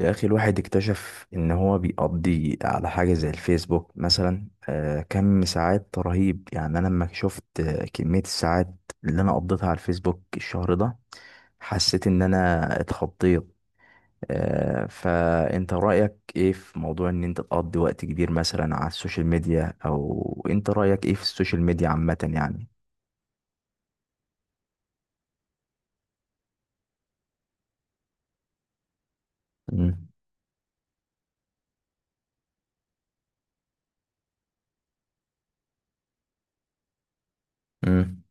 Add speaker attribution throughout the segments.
Speaker 1: يا أخي الواحد اكتشف إن هو بيقضي على حاجة زي الفيسبوك مثلا كم ساعات رهيب، يعني أنا لما شفت كمية الساعات اللي أنا قضيتها على الفيسبوك الشهر ده، حسيت إن أنا اتخضيت. فأنت رأيك إيه في موضوع إن أنت تقضي وقت كبير مثلا على السوشيال ميديا، أو أنت رأيك إيه في السوشيال ميديا عامة يعني؟ مم. مم.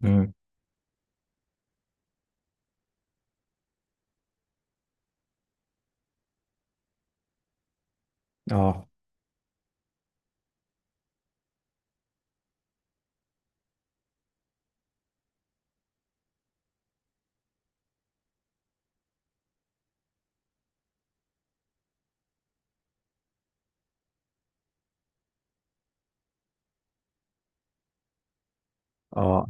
Speaker 1: مم. اه. اه.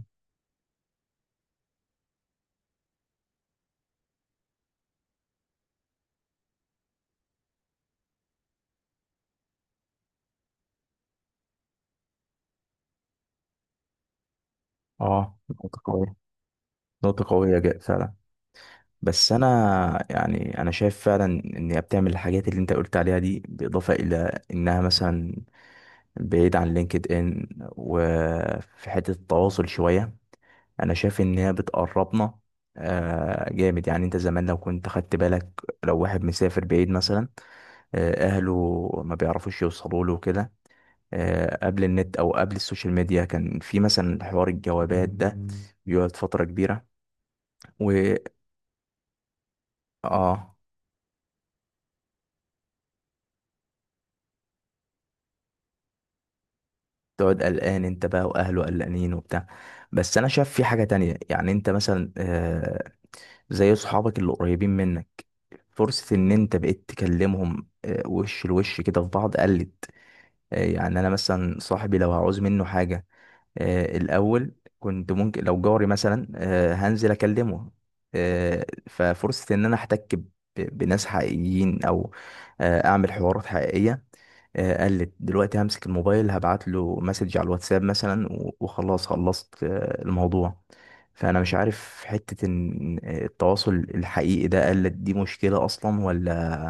Speaker 1: اه. نقطة قوية. نقطة قوية جدا فعلا. بس انا، يعني شايف فعلا ان هي بتعمل الحاجات اللي انت قلت عليها دي، بالاضافه الى انها مثلا بعيد عن لينكد ان، وفي حته التواصل شويه، انا شايف ان هي بتقربنا. جامد، يعني انت زمان لو كنت خدت بالك، لو واحد مسافر بعيد مثلا اهله ما بيعرفوش يوصلوا له كده. قبل النت او قبل السوشيال ميديا كان في مثلا حوار الجوابات ده، بيقعد فتره كبيره. و اه تقعد قلقان انت بقى، واهله قلقانين وبتاع. بس انا شايف في حاجة تانية، يعني انت مثلا زي اصحابك اللي قريبين منك، فرصة ان انت بقيت تكلمهم وش لوش كده في بعض قلت. يعني انا مثلا صاحبي لو هعوز منه حاجة، الاول كنت ممكن لو جاري مثلا هنزل اكلمه. ففرصة ان انا احتك بناس حقيقيين، او اعمل حوارات حقيقية قلت دلوقتي. همسك الموبايل هبعت له مسج على الواتساب مثلا وخلاص، خلصت الموضوع. فانا مش عارف حتة ان التواصل الحقيقي ده قلت، دي مشكلة اصلا ولا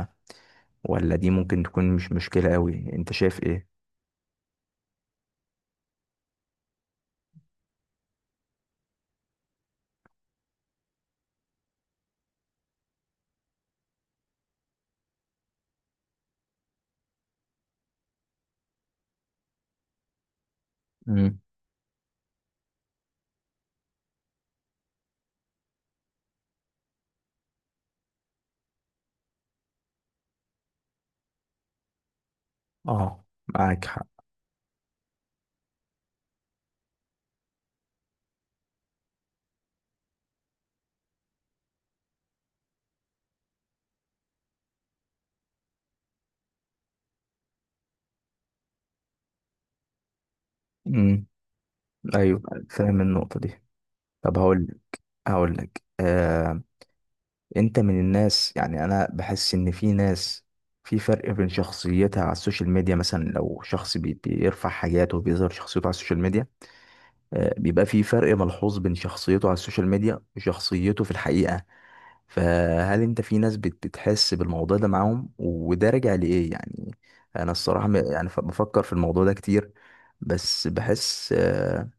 Speaker 1: ولا دي ممكن تكون مش مشكلة قوي؟ انت شايف ايه؟ امم. اه، معاك حق. امم. ايوه، فاهم النقطة دي. طب هقول لك انت من الناس، يعني انا بحس ان في ناس في فرق بين شخصيتها على السوشيال ميديا. مثلا لو شخص بيرفع حاجات وبيظهر شخصيته على السوشيال ميديا، بيبقى في فرق ملحوظ بين شخصيته على السوشيال ميديا وشخصيته في الحقيقة. فهل انت في ناس بتحس بالموضوع ده معاهم، وده راجع لإيه يعني؟ انا الصراحة يعني بفكر في الموضوع ده كتير. بس بحس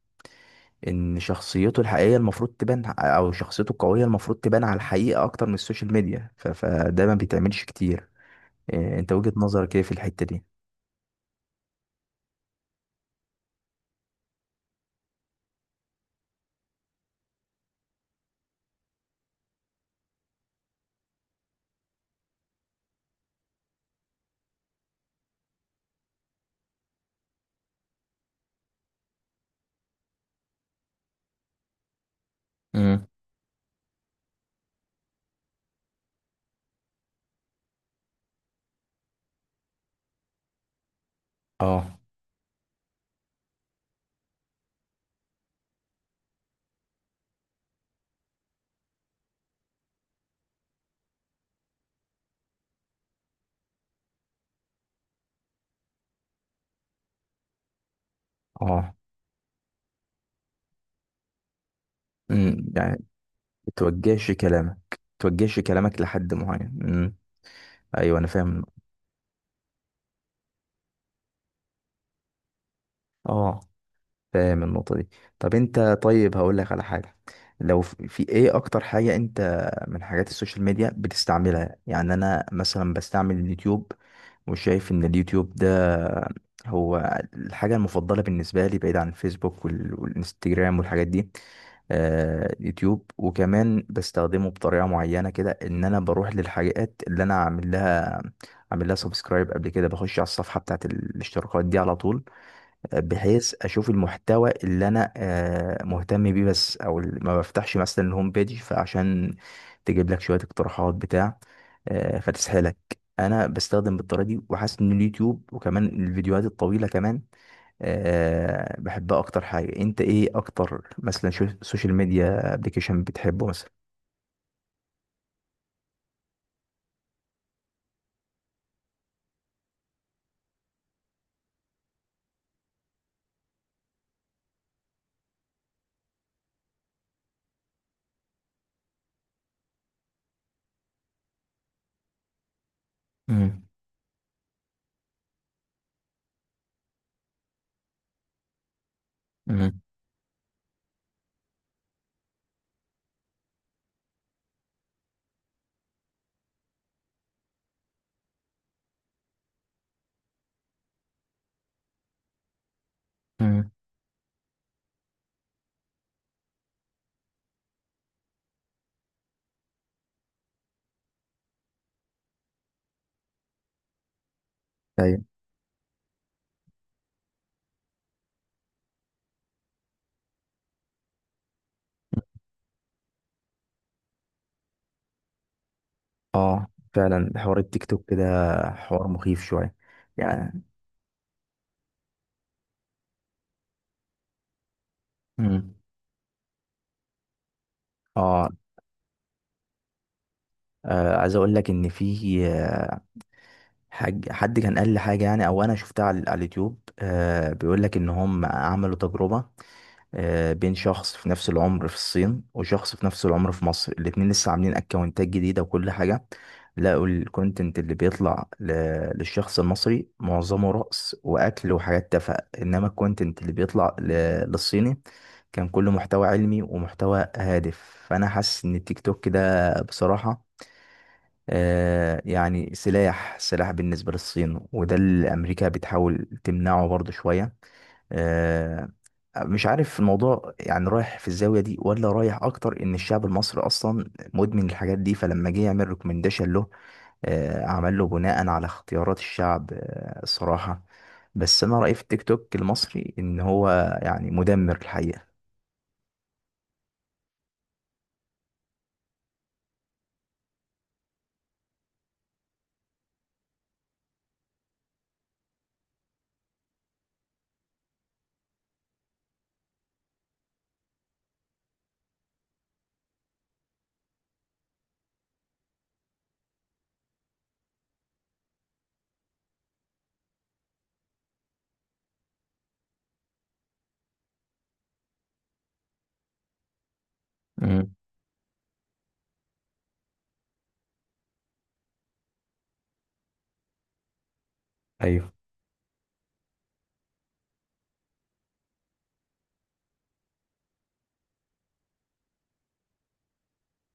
Speaker 1: ان شخصيته الحقيقيه المفروض تبان، او شخصيته القويه المفروض تبان على الحقيقه اكتر من السوشيال ميديا، فده ما بيتعملش كتير. إيه، انت وجهه نظرك ايه في الحته دي؟ امم. اه. اه. امم. يعني توجهش كلامك، توجهش كلامك لحد معين. امم. ايوه انا فاهم. اه، فاهم النقطه دي. طب انت، هقول لك على حاجه. لو في ايه اكتر حاجه انت من حاجات السوشيال ميديا بتستعملها؟ يعني انا مثلا بستعمل اليوتيوب، وشايف ان اليوتيوب ده هو الحاجة المفضلة بالنسبة لي، بعيد عن الفيسبوك والانستجرام والحاجات دي. يوتيوب، وكمان بستخدمه بطريقة معينة كده، ان انا بروح للحاجات اللي انا عامل لها، عامل لها سبسكرايب قبل كده. بخش على الصفحة بتاعت الاشتراكات دي على طول، بحيث اشوف المحتوى اللي انا مهتم بيه بس، او ما بفتحش مثلا الهوم بيج، فعشان تجيب لك شوية اقتراحات بتاع فتسحلك. انا بستخدم بالطريقه دي، وحاسس ان اليوتيوب وكمان الفيديوهات الطويله كمان بحبها اكتر حاجه. انت ايه اكتر مثلا شو سوشيال ميديا ابلكيشن بتحبه مثلا؟ مم. مم. مم. ايوه. اه، فعلا حوار التيك توك كده حوار مخيف شويه يعني. مم. اه. عايز اقول لك ان في حد كان قال لي حاجه يعني، او انا شفتها على اليوتيوب. بيقول لك ان هم عملوا تجربه بين شخص في نفس العمر في الصين وشخص في نفس العمر في مصر، الاتنين لسه عاملين اكونتات جديدة وكل حاجة. لقوا الكونتنت اللي بيطلع للشخص المصري معظمه رقص واكل وحاجات تافهة، انما الكونتنت اللي بيطلع للصيني كان كله محتوى علمي ومحتوى هادف. فانا حاسس ان التيك توك ده بصراحة يعني سلاح، سلاح بالنسبة للصين، وده اللي أمريكا بتحاول تمنعه برضه شوية. آه، مش عارف الموضوع يعني رايح في الزاوية دي، ولا رايح أكتر إن الشعب المصري أصلا مدمن الحاجات دي، فلما جه يعمل ريكومنديشن له عمل له بناء على اختيارات الشعب الصراحة. بس أنا رأيي في التيك توك المصري إن هو يعني مدمر الحقيقة. امم. ايوه.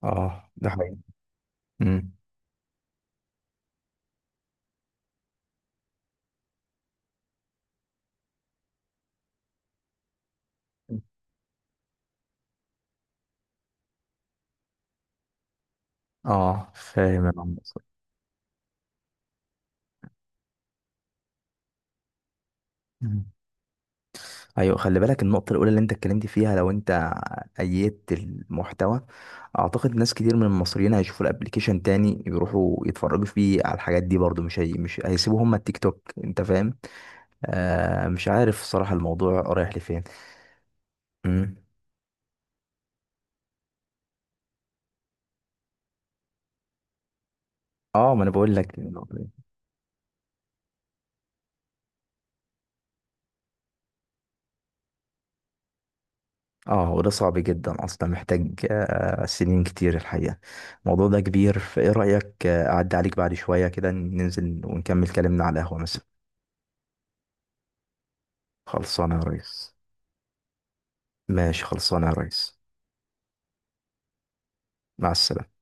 Speaker 1: اه، ده حقيقي. مم. اه، فاهم يا عم. مصر. ايوه، خلي بالك النقطة الأولى اللي أنت اتكلمت فيها، لو أنت أيدت المحتوى أعتقد ناس كتير من المصريين هيشوفوا الأبليكيشن تاني، يروحوا يتفرجوا فيه على الحاجات دي برضو، مش هي، مش هيسيبوا هما التيك توك. أنت فاهم؟ مش عارف الصراحة الموضوع رايح لفين. مم. اه، ما أنا بقول لك النقطة دي. اه، وده صعب جدا أصلا، محتاج سنين كتير الحقيقة. الموضوع ده كبير، فإيه رأيك أعدي عليك بعد شوية كده، ننزل ونكمل كلامنا على القهوة مثلا؟ خلصانة يا ريس. ماشي خلصانة يا ريس. مع السلامة.